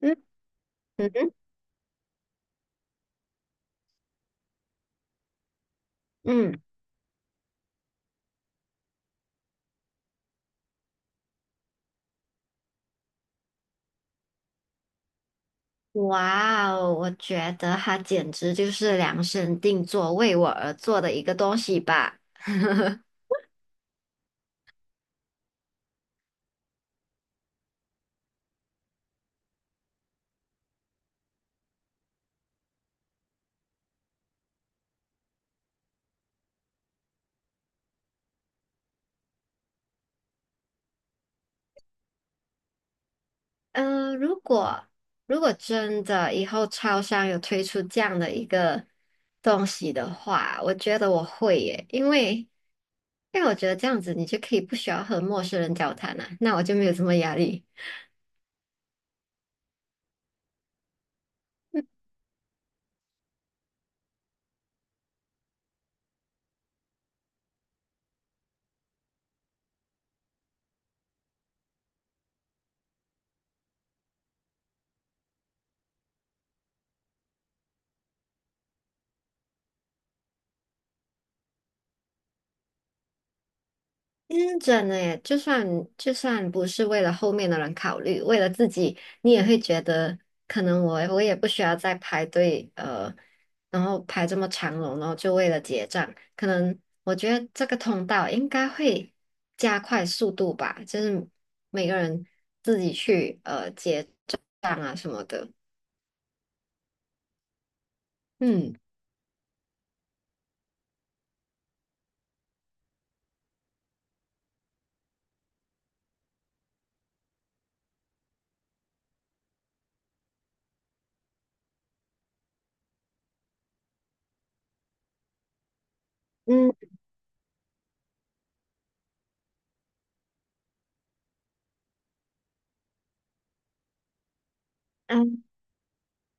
嗯嗯嗯，哇哦！我觉得它简直就是量身定做为我而做的一个东西吧。嗯，如果真的以后超商有推出这样的一个东西的话，我觉得我会耶，因为我觉得这样子你就可以不需要和陌生人交谈了，那我就没有什么压力。嗯，真的耶，就算不是为了后面的人考虑，为了自己，你也会觉得可能我也不需要再排队，然后排这么长龙，然后就为了结账，可能我觉得这个通道应该会加快速度吧，就是每个人自己去结账啊什么的。嗯嗯嗯，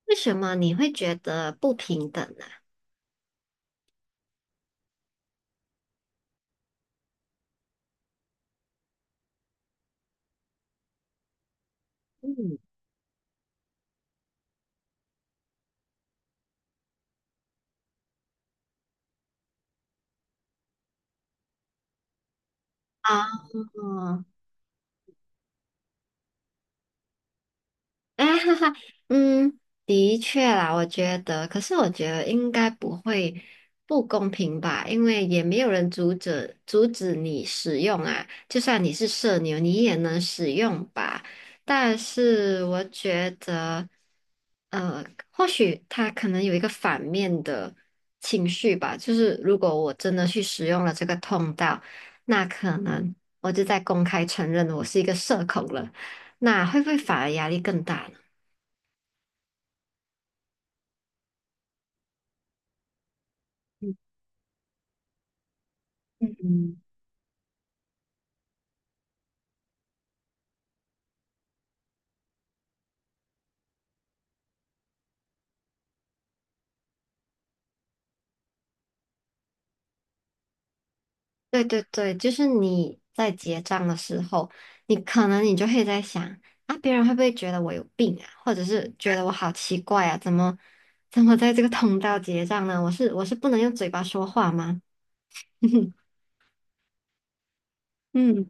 为什么你会觉得不平等呢？嗯。啊，啊哈哈，嗯，的确啦，我觉得，可是我觉得应该不会不公平吧，因为也没有人阻止你使用啊，就算你是社牛，你也能使用吧。但是我觉得，呃，或许他可能有一个反面的情绪吧，就是如果我真的去使用了这个通道，那可能我就在公开承认我是一个社恐了，那会不会反而压力更大呢？嗯，嗯对对对，就是你在结账的时候，你可能就会在想啊，别人会不会觉得我有病啊，或者是觉得我好奇怪啊，怎么在这个通道结账呢？我是不能用嘴巴说话吗？嗯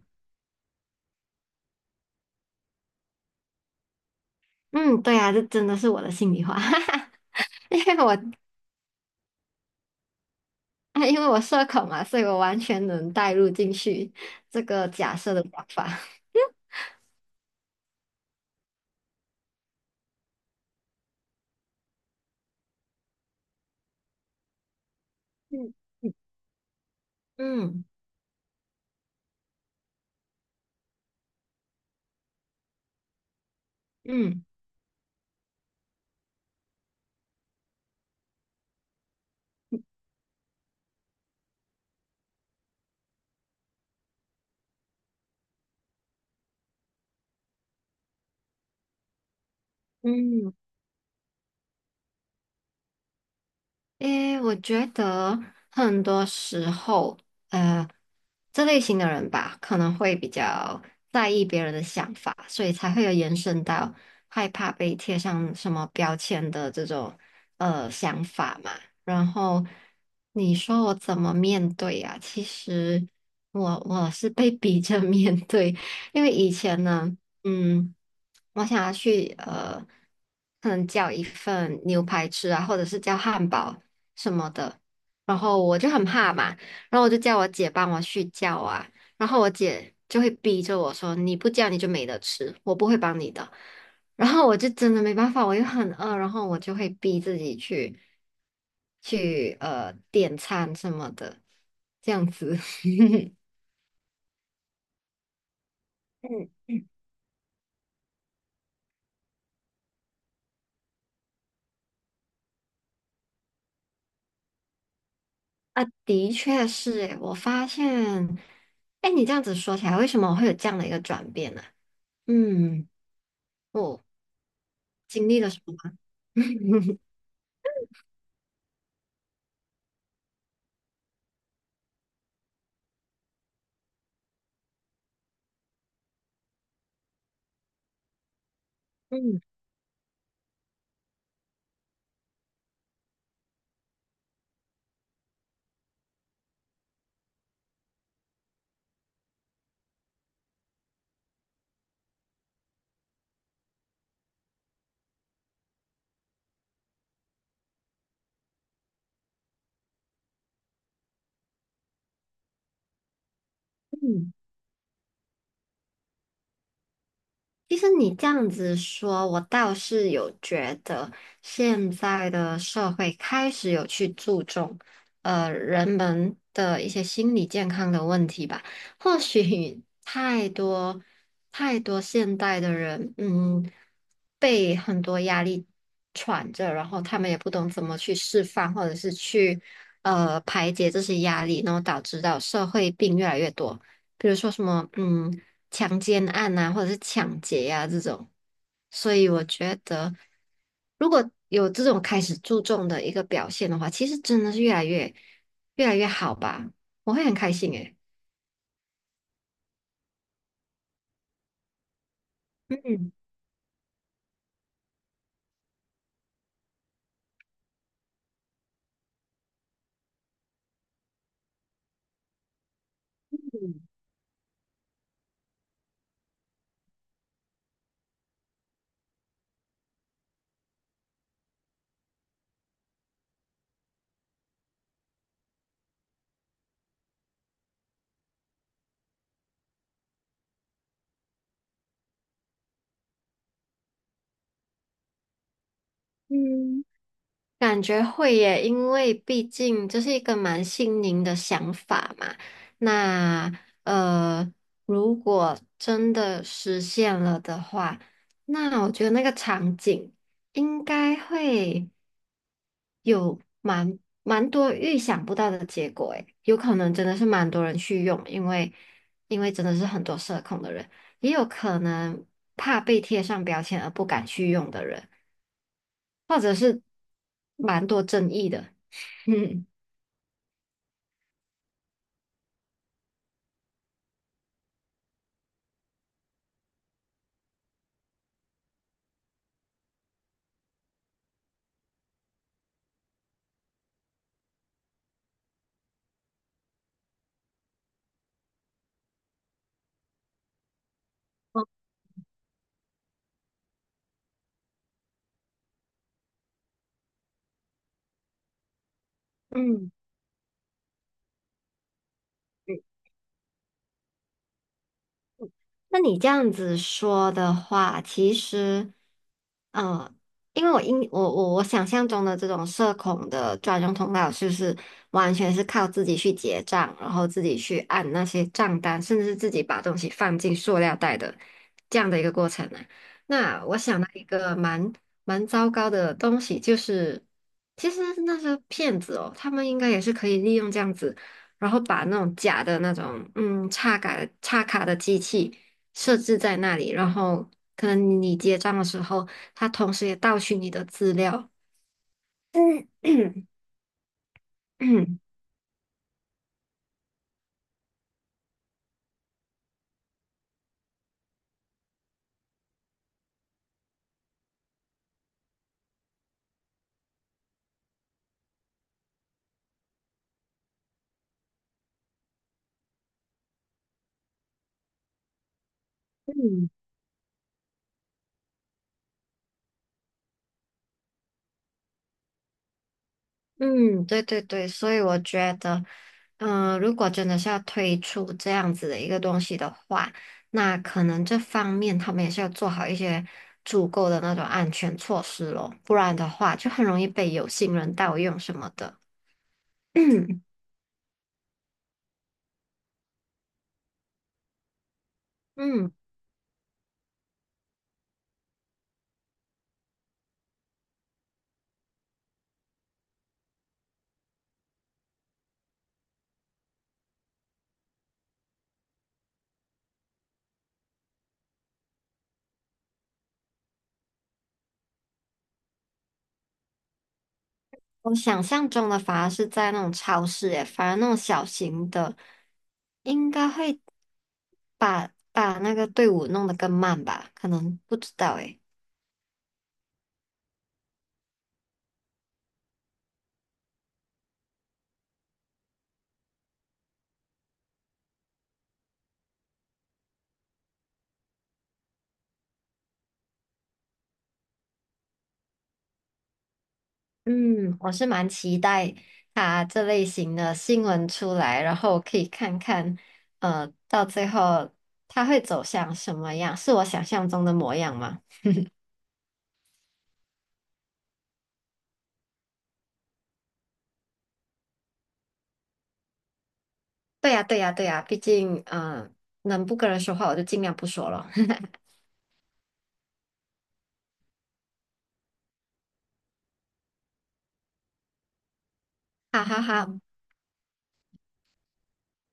嗯，对啊，这真的是我的心里话，因为我啊因为我社恐嘛，所以我完全能带入进去这个假设的想法。嗯嗯嗯嗯。诶，我觉得很多时候，呃，这类型的人吧，可能会比较在意别人的想法，所以才会有延伸到害怕被贴上什么标签的这种想法嘛。然后你说我怎么面对呀、其实我是被逼着 面对，因为以前呢，嗯，我想要去可能叫一份牛排吃啊，或者是叫汉堡。什么的，然后我就很怕嘛，然后我就叫我姐帮我去叫啊，然后我姐就会逼着我说你不叫你就没得吃，我不会帮你的，然后我就真的没办法，我又很饿，然后我就会逼自己去点餐什么的，这样子。嗯嗯啊，的确是诶，我发现，哎，你这样子说起来，为什么我会有这样的一个转变呢？嗯，我经历了什么吗？嗯嗯，其实你这样子说，我倒是有觉得现在的社会开始有去注重，人们的一些心理健康的问题吧。或许太多现代的人，嗯，被很多压力喘着，然后他们也不懂怎么去释放，或者是去排解这些压力，然后导致到社会病越来越多。比如说什么，嗯。强奸案啊，或者是抢劫啊这种。所以我觉得，如果有这种开始注重的一个表现的话，其实真的是越来越好吧。我会很开心诶。嗯。嗯感觉会耶，因为毕竟这是一个蛮新颖的想法嘛。那呃，如果真的实现了的话，那我觉得那个场景应该会。有蛮多预想不到的结果，诶，有可能真的是蛮多人去用，因为真的是很多社恐的人，也有可能怕被贴上标签而不敢去用的人，或者是蛮多争议的，嗯。嗯。那你这样子说的话，其实，呃，因为我因我我我想象中的这种社恐的专用通道，就是完全是靠自己去结账，然后自己去按那些账单，甚至是自己把东西放进塑料袋的这样的一个过程呢。那我想到一个蛮糟糕的东西，就是其实那些骗子哦，他们应该也是可以利用这样子。然后把那种假的那种嗯插卡的机器，设置在那里，然后可能你结账的时候，他同时也盗取你的资料。嗯 嗯嗯，对对对，所以我觉得，嗯、如果真的是要推出这样子的一个东西的话，那可能这方面他们也是要做好一些足够的那种安全措施咯，不然的话就很容易被有心人盗用什么的。嗯。我想象中的反而是在那种超市，诶，反而那种小型的，应该会把那个队伍弄得更慢吧？可能不知道，诶。嗯，我是蛮期待它这类型的新闻出来，然后可以看看，到最后它会走向什么样？是我想象中的模样吗？对呀，对呀，对呀，毕竟，嗯、能不跟人说话我就尽量不说了。哈哈哈，